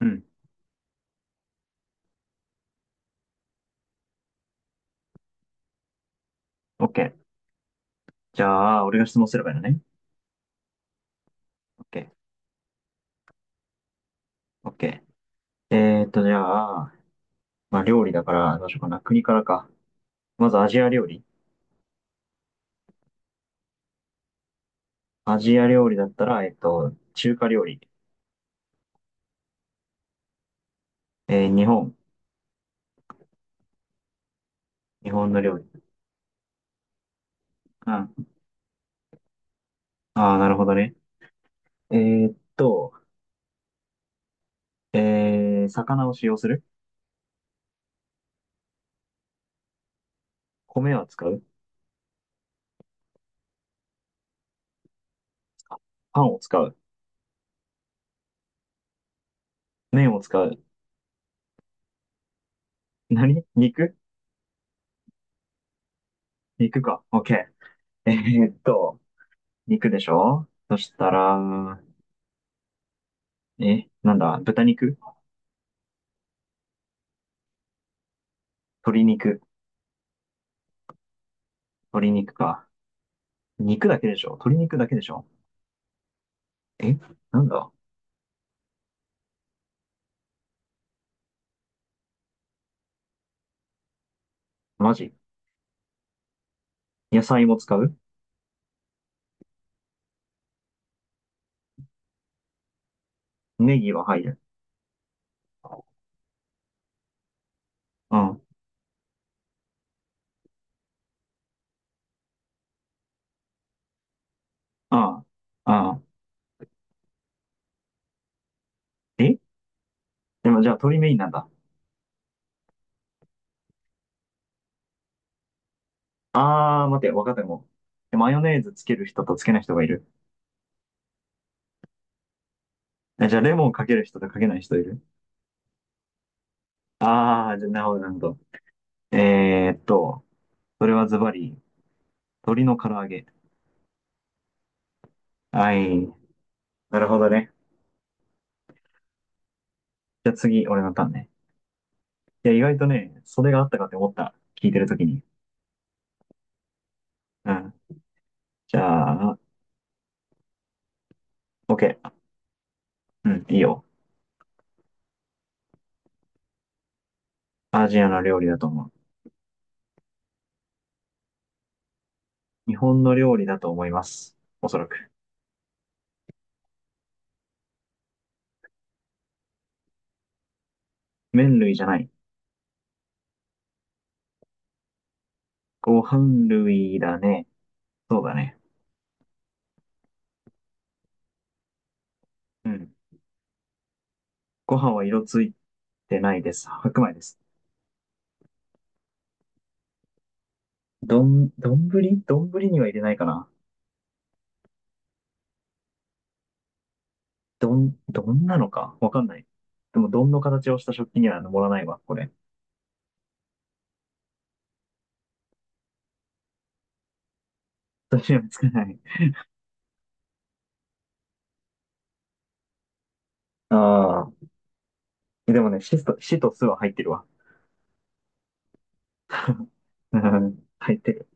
うん。オッケーじゃあ、俺が質問すればいいのね。オッケーオッケーじゃあ、まあ、料理だから、どうしようかな。国からか。まずアジア料理。アジア料理だったら、中華料理。日本。日本の料理。うん。ああ、なるほどね。えーっと、魚を使用する？米は使う？パンを使う？麺を使う？何肉？肉か。オッケーーっと、肉でしょ？そしたら、え、なんだ、豚肉？鶏肉？鶏肉か。肉だけでしょ？鶏肉だけでしょ？え、なんだ？マジ？野菜も使う？ネギは入る。うん。ああ。ああ。え、でもじゃあ鶏メインなんだ。あー、待て、わかったかも。マヨネーズつける人とつけない人がいる。え、じゃあレモンかける人とかけない人いる？ああー、じゃあなるほど、なるほど。えーっと、それはズバリ、鶏の唐揚げ？はい。なるほどね。じゃあ次、俺のターンね。いや、意外とね、それがあったかって思った。聞いてるときに。うん。じゃあ、OK。うん、いいよ。アジアの料理だと思う。日本の料理だと思います。おそらく。麺類じゃない。ご飯類だね。そうだね。うん。ご飯は色ついてないです。白米です。どんぶりには入れないかな。どんなのかわかんない。でも、どんの形をした食器には盛らないわ、これ。私はつかない。ああ。でもね、シと酢は入ってるわ。うん、入ってる。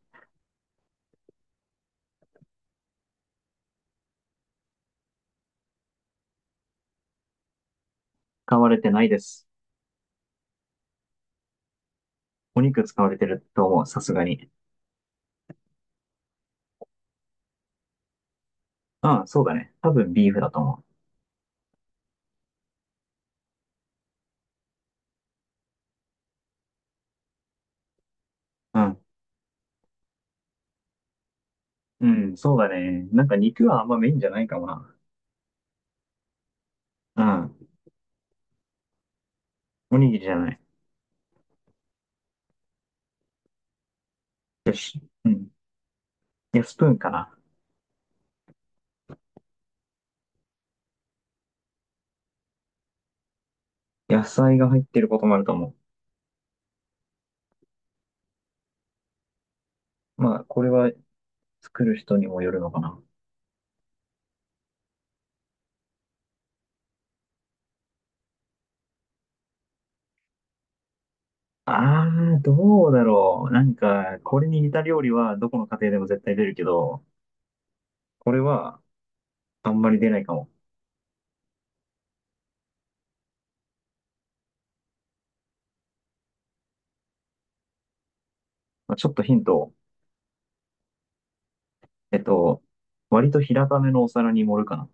使われてないです。お肉使われてると思う、さすがに。ああ、そうだね。多分ビーフだと思う。うん。うん、そうだね。なんか肉はあんまメインじゃないかもな。うん。おにぎりじゃない。よし。うん。いや、スプーンかな。野菜が入ってることもあると思う。まあ、これは作る人にもよるのかな。ああ、どうだろう。なんか、これに似た料理はどこの家庭でも絶対出るけど、これはあんまり出ないかも。まあ、ちょっとヒントを。えっと、割と平ためのお皿に盛るかな。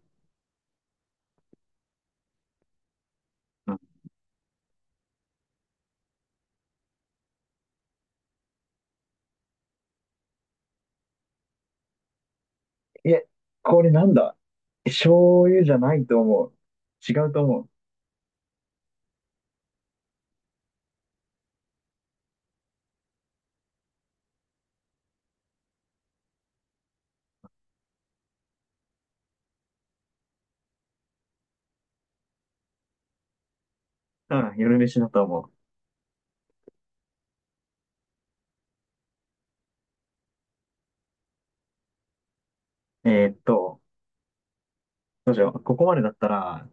え、これなんだ？醤油じゃないと思う。違うと思う。うん、夜飯だと思う。どうしよう。ここまでだったら、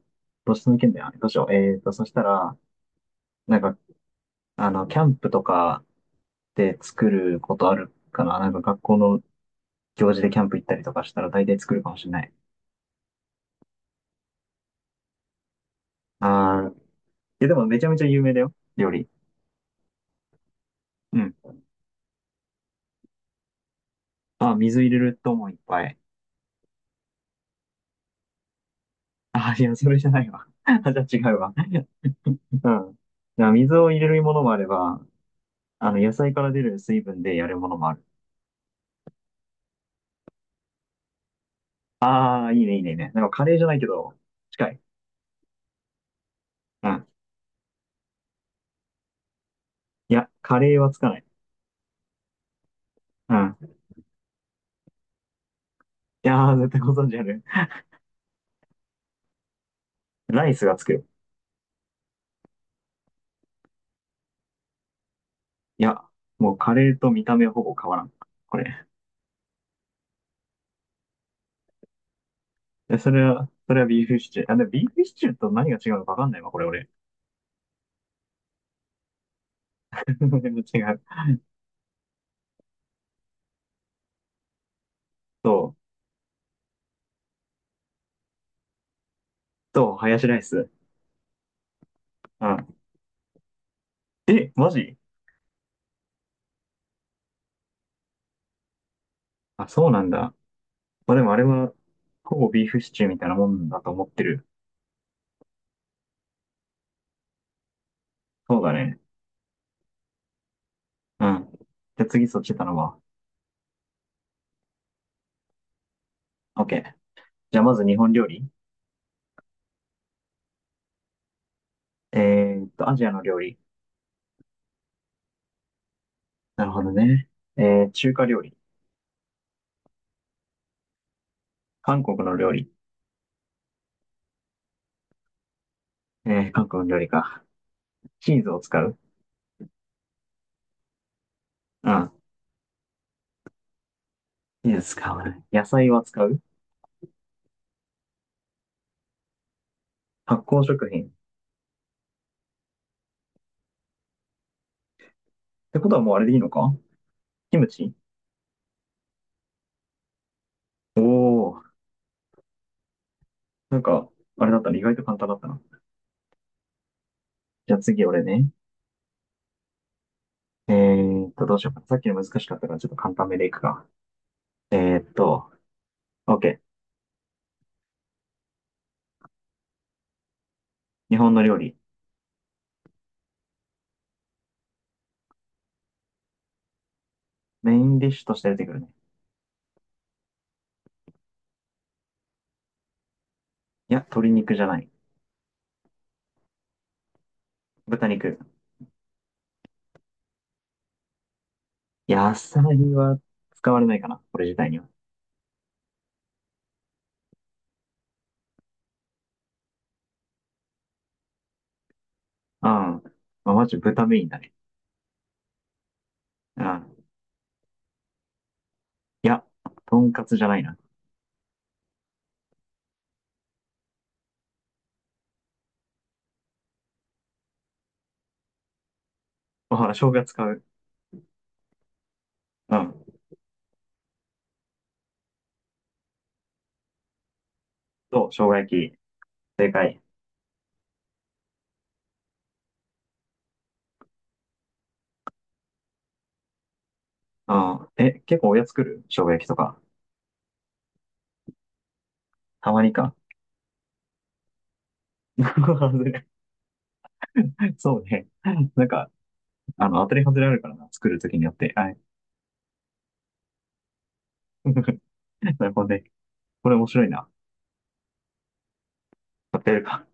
どうしてもいけんだよ。どうしよう。そしたら、なんか、キャンプとかで作ることあるかな。なんか学校の行事でキャンプ行ったりとかしたら大体作るかもしれない。あー、いやでもめちゃめちゃ有名だよ。料理。うん。あ、水入れると思う、いっぱい。あ、いや、それじゃないわ。あ、じゃあ違うわ。うん。じゃあ水を入れるものもあれば、野菜から出る水分でやるものもある。ああ、いいね、いいね、いいね。なんかカレーじゃないけど、近い。うん。いや、カレーはつかない。うん。いやー、絶対ご存知ある。ライスがつく。いや、もうカレーと見た目はほぼ変わらん。これ。でそれはビーフシチュー。あ、でもビーフシチューと何が違うのかわかんないわ、これ俺。違う。そう。そう、ハヤシライス。うん。え、マジ？あ、そうなんだ。まあでもあれは、ほぼビーフシチューみたいなもんだと思ってる。そうだね。うん。じゃあ次そっち頼むわ。OK。じゃあまず日本料理。アジアの料理。なるほどね。中華料理。韓国の料理。韓国の料理か。チーズを使う？うん。チーズ使わない。野菜は使う。発酵食品。ってことはもうあれでいいのか？キムチ？おー。なんか、あれだったら意外と簡単だったな。じゃあ次俺ね。どうしようか。さっきの難しかったからちょっと簡単めでいくか。えーっと、OK。日本の料理。メインディッシュとして出てくるね。いや、鶏肉じゃない。豚肉。野菜は使われないかな、これ自体には。うん。まあ豚メインだね。うん。いや、とんかつじゃないな。あ、ほら、生姜使う。うん。そう、生姜焼き。正解。うん。え、結構おやつ作る？生姜焼きとか。たまにか。外れ？そうね。なんか、当たり外れあるからな。作るときによって。はい。なるほどね。これ面白いな。買ってやるか。